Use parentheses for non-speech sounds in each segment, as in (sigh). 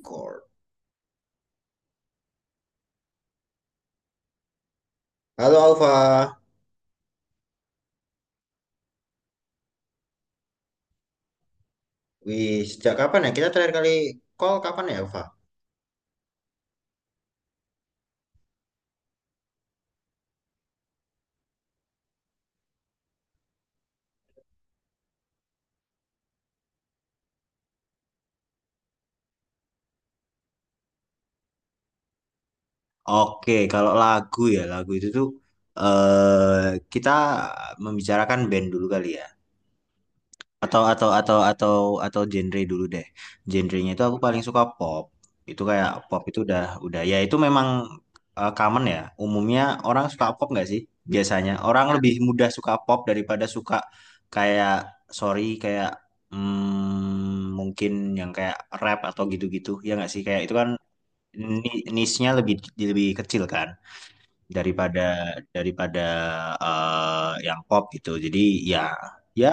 Record. Halo Alfa. Wih, sejak kapan ya? Kita terakhir kali call kapan ya, Alfa? Oke, kalau lagu ya, lagu itu tuh eh kita membicarakan band dulu kali ya. atau atau atau atau atau genre dulu deh, genrenya itu aku paling suka pop. Itu kayak pop itu udah ya, itu memang common ya, umumnya orang suka pop nggak sih? Biasanya orang lebih mudah suka pop daripada suka kayak, sorry, kayak mungkin yang kayak rap atau gitu-gitu ya nggak sih, kayak itu kan niche-nya lebih lebih kecil kan daripada daripada yang pop gitu. Jadi ya, ya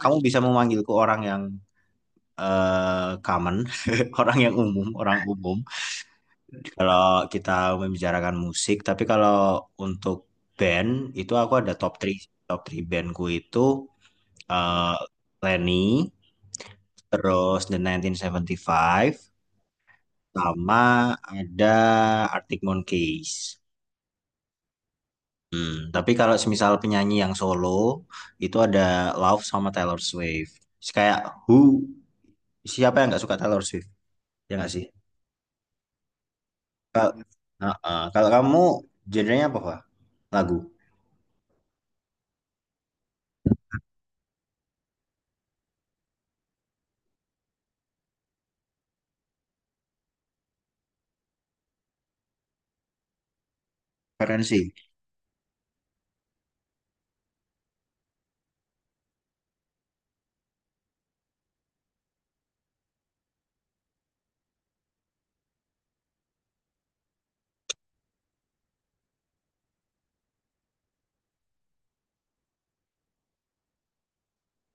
kamu bisa memanggilku orang yang common, (laughs) orang yang umum, orang umum. Kalau kita membicarakan musik, tapi kalau untuk band itu aku ada top 3, bandku itu eh, Lenny, terus The 1975, sama ada Arctic Monkeys. Hmm, tapi kalau semisal penyanyi yang solo itu ada Love sama Taylor Swift. Kayak, who, siapa yang nggak suka Taylor Swift? Ya nggak sih? Kalau heeh, kalau kamu genrenya apa, Pak? Lagu, preferensi.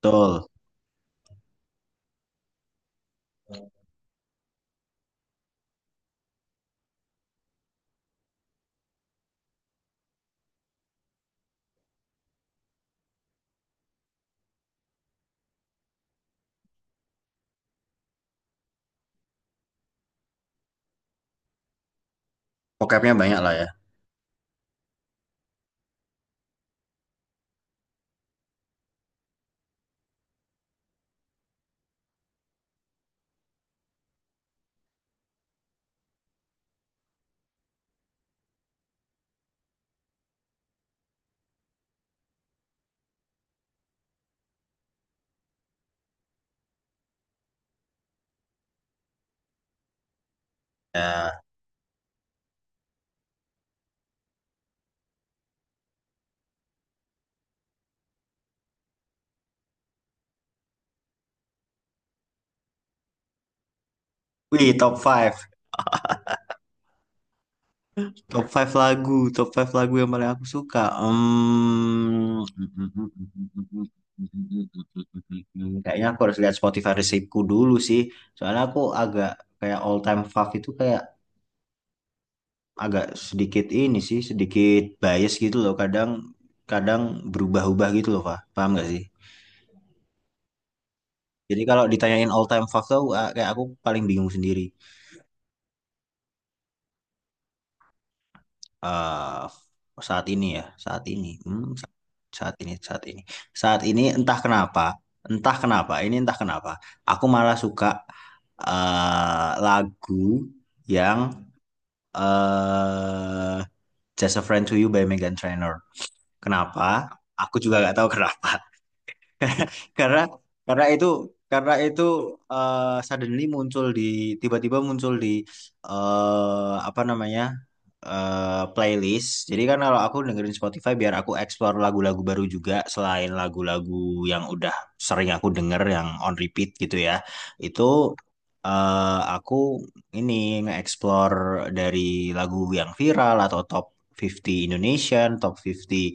Betul. Vocabnya banyak lah ya. Ya. Wih, top 5 lagu yang paling aku suka. Hmm. (laughs) Kayaknya aku harus lihat Spotify receipt-ku dulu sih. Soalnya aku agak kayak all time fav itu kayak agak sedikit ini sih, sedikit bias gitu loh. Kadang kadang berubah-ubah gitu loh, Pak. Paham nggak sih? Jadi kalau ditanyain all time fav tuh ah, kayak aku paling bingung sendiri. Eh, Saat ini ya, saat ini. Hmm, saat ini, saat ini. Saat ini entah kenapa, ini entah kenapa. Aku malah suka lagu yang eh Just a Friend to You by Meghan Trainor. Kenapa? Aku juga nggak tahu kenapa. (laughs) karena karena itu karena itu eh, suddenly muncul di, tiba-tiba muncul di apa namanya, playlist. Jadi kan kalau aku dengerin Spotify biar aku explore lagu-lagu baru juga selain lagu-lagu yang udah sering aku denger yang on repeat gitu ya. Itu aku ini nge-explore dari lagu yang viral atau top 50 Indonesian, top 50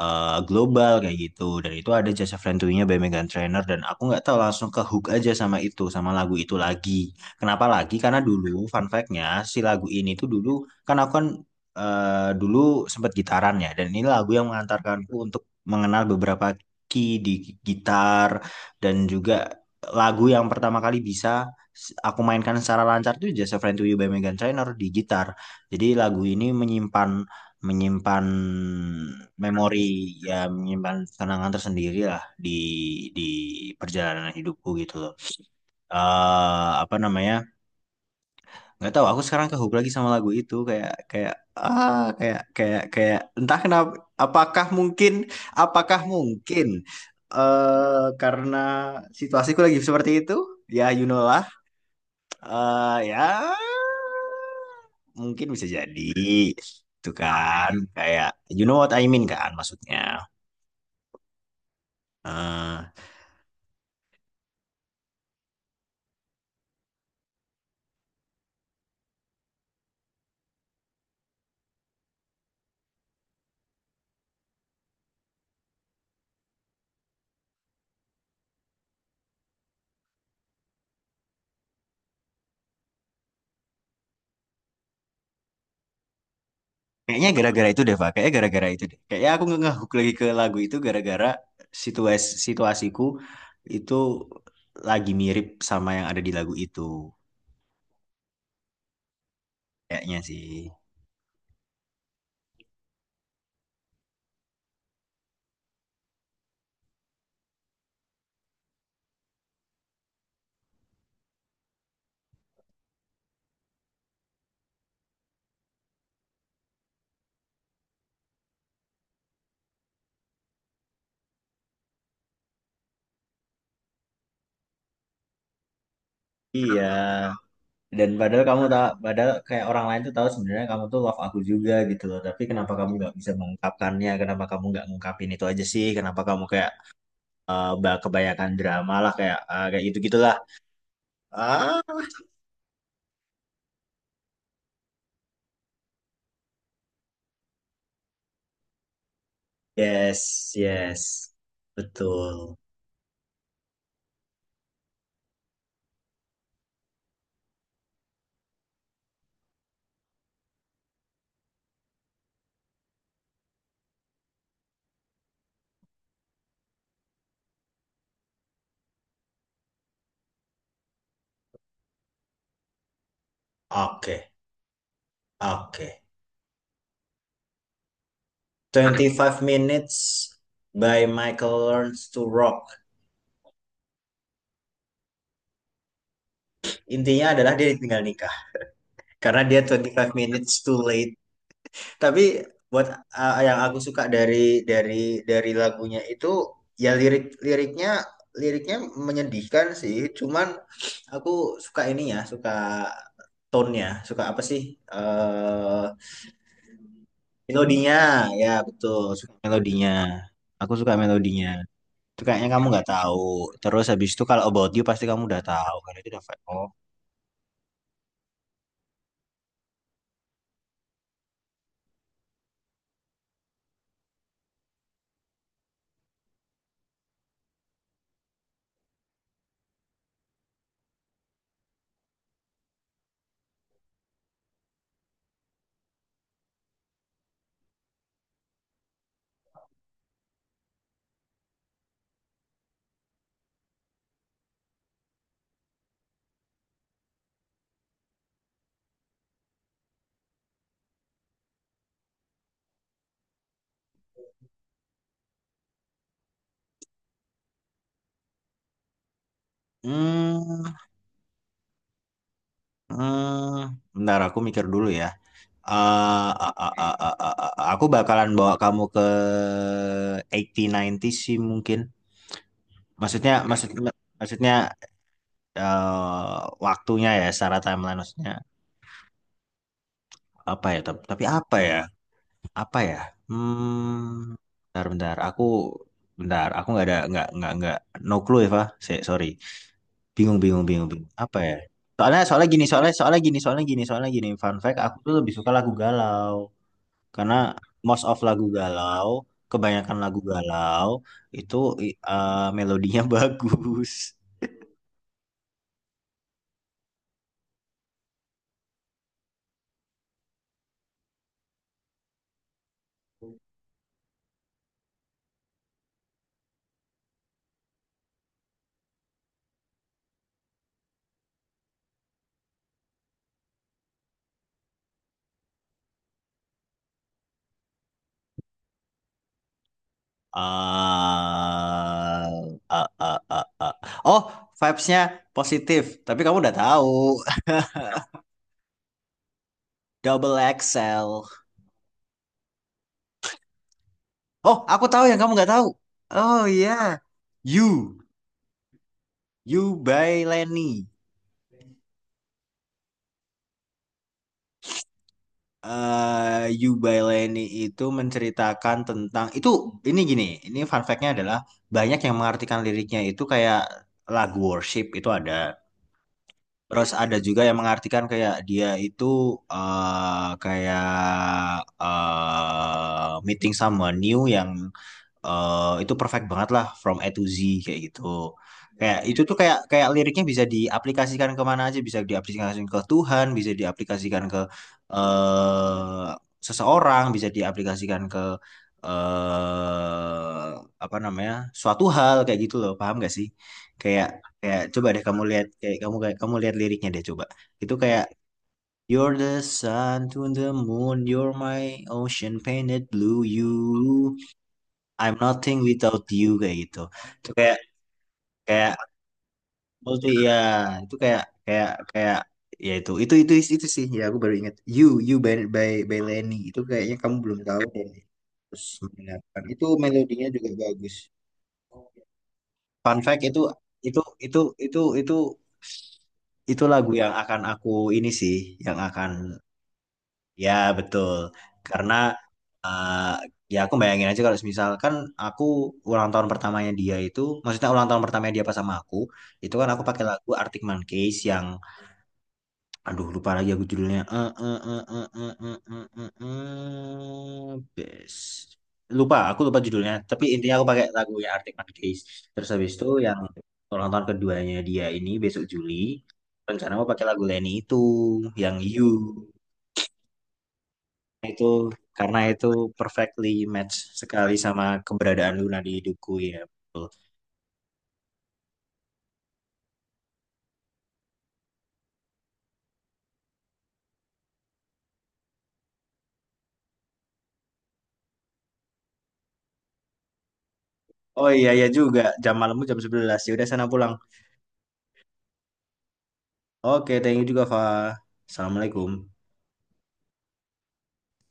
global kayak gitu. Dan itu ada jasa friendly-nya by Megan Trainor dan aku nggak tahu langsung ke hook aja sama itu, sama lagu itu lagi. Kenapa lagi? Karena dulu fun fact-nya si lagu ini tuh dulu kan aku kan dulu sempat gitaran ya, dan ini lagu yang mengantarkanku untuk mengenal beberapa key di gitar, dan juga lagu yang pertama kali bisa aku mainkan secara lancar tuh Just a Friend to You by Megan Trainor di gitar. Jadi lagu ini menyimpan menyimpan memori, ya menyimpan kenangan tersendiri lah di di perjalanan hidupku gitu loh. Apa namanya, nggak tahu aku sekarang kehook lagi sama lagu itu kayak kayak ah kayak kayak kayak entah kenapa, apakah mungkin apakah mungkin karena situasiku lagi seperti itu ya, you know lah. Ya mungkin bisa jadi, itu kan kayak you know what I mean kan, maksudnya. Eh Kayaknya gara-gara itu deh, Pak, kayaknya gara-gara itu deh kayaknya aku nggak ngehook lagi ke lagu itu gara-gara situasiku itu lagi mirip sama yang ada di lagu itu, kayaknya sih. Iya, dan padahal kamu tahu, padahal kayak orang lain tuh tahu sebenarnya kamu tuh love aku juga gitu loh, tapi kenapa kamu nggak bisa mengungkapkannya, kenapa kamu nggak ngungkapin itu aja sih, kenapa kamu kayak bah kebanyakan drama lah kayak kayak gitu gitulah. Ah, yes, yes, betul. Oke, oke. Twenty five minutes by Michael Learns to Rock, intinya adalah dia ditinggal nikah karena dia 25 minutes too late. Tapi buat yang aku suka dari lagunya itu ya, liriknya menyedihkan sih. Cuman aku suka ininya, suka tone-nya, suka apa sih? eh Melodinya, ya betul, suka melodinya. Aku suka melodinya. Itu kayaknya kamu nggak tahu. Terus habis itu kalau About You pasti kamu udah tahu karena itu udah viral. Hmm, bentar aku mikir dulu ya. Aku bakalan bawa kamu ke 80-90 sih mungkin. Maksudnya, maksudnya eh, waktunya ya secara timeline maksudnya, apa ya? Tapi apa ya? Apa ya? Hmm, bentar, bentar. Aku bentar. Aku nggak ada nggak no clue ya, Pak. Sorry. Bingung, bingung, bingung, bingung. Apa ya? Soalnya soalnya gini, soalnya soalnya gini, soalnya gini, soalnya gini. Fun fact, aku tuh lebih suka lagu galau. Karena most of lagu galau, kebanyakan lagu galau itu melodinya (laughs) bagus. Ah, ah. Oh, vibes-nya positif. Tapi kamu udah tahu. (laughs) Double XL. Oh, aku tahu yang kamu nggak tahu. Oh iya. You, You by Lenny. Yubaileni itu menceritakan tentang itu, ini gini, ini fun fact-nya adalah banyak yang mengartikan liriknya itu kayak lagu worship itu ada. Terus ada juga yang mengartikan kayak dia itu kayak meeting sama new yang itu perfect banget lah from A to Z kayak gitu. Kayak itu tuh kayak kayak liriknya bisa diaplikasikan kemana aja, bisa diaplikasikan ke Tuhan, bisa diaplikasikan ke eh seseorang, bisa diaplikasikan ke eh apa namanya, suatu hal kayak gitu loh, paham gak sih? Kayak Kayak coba deh kamu lihat, kayak kamu, lihat liriknya deh, coba. Itu kayak You're the sun to the moon, you're my ocean painted blue, you, I'm nothing without you, kayak gitu. Itu kayak kayak aku tuh ya, itu kayak kayak kayak, ya itu sih, ya aku baru ingat You You by by Lenny, itu kayaknya kamu belum tahu dan terus mendengarkan itu melodinya juga bagus. Fun fact, itu itu itu itu itu lagu yang akan aku ini sih yang akan. Ya, betul. Karena eh, ya, aku bayangin aja kalau misalkan aku ulang tahun pertamanya dia itu, maksudnya ulang tahun pertamanya dia pas sama aku, itu kan aku pakai lagu Arctic Monkeys yang aduh lupa lagi aku judulnya. Best. Lupa, aku lupa judulnya, tapi intinya aku pakai lagunya Arctic Monkeys. Terus habis itu yang ulang tahun keduanya dia ini besok Juli, rencana mau pakai lagu Lenny itu yang You, itu karena itu perfectly match sekali sama keberadaan Luna di Duku ya. Betul. Oh iya, iya juga, jam malammu jam 11. Ya udah, sana pulang. Oke, thank you juga, Fa. Assalamualaikum.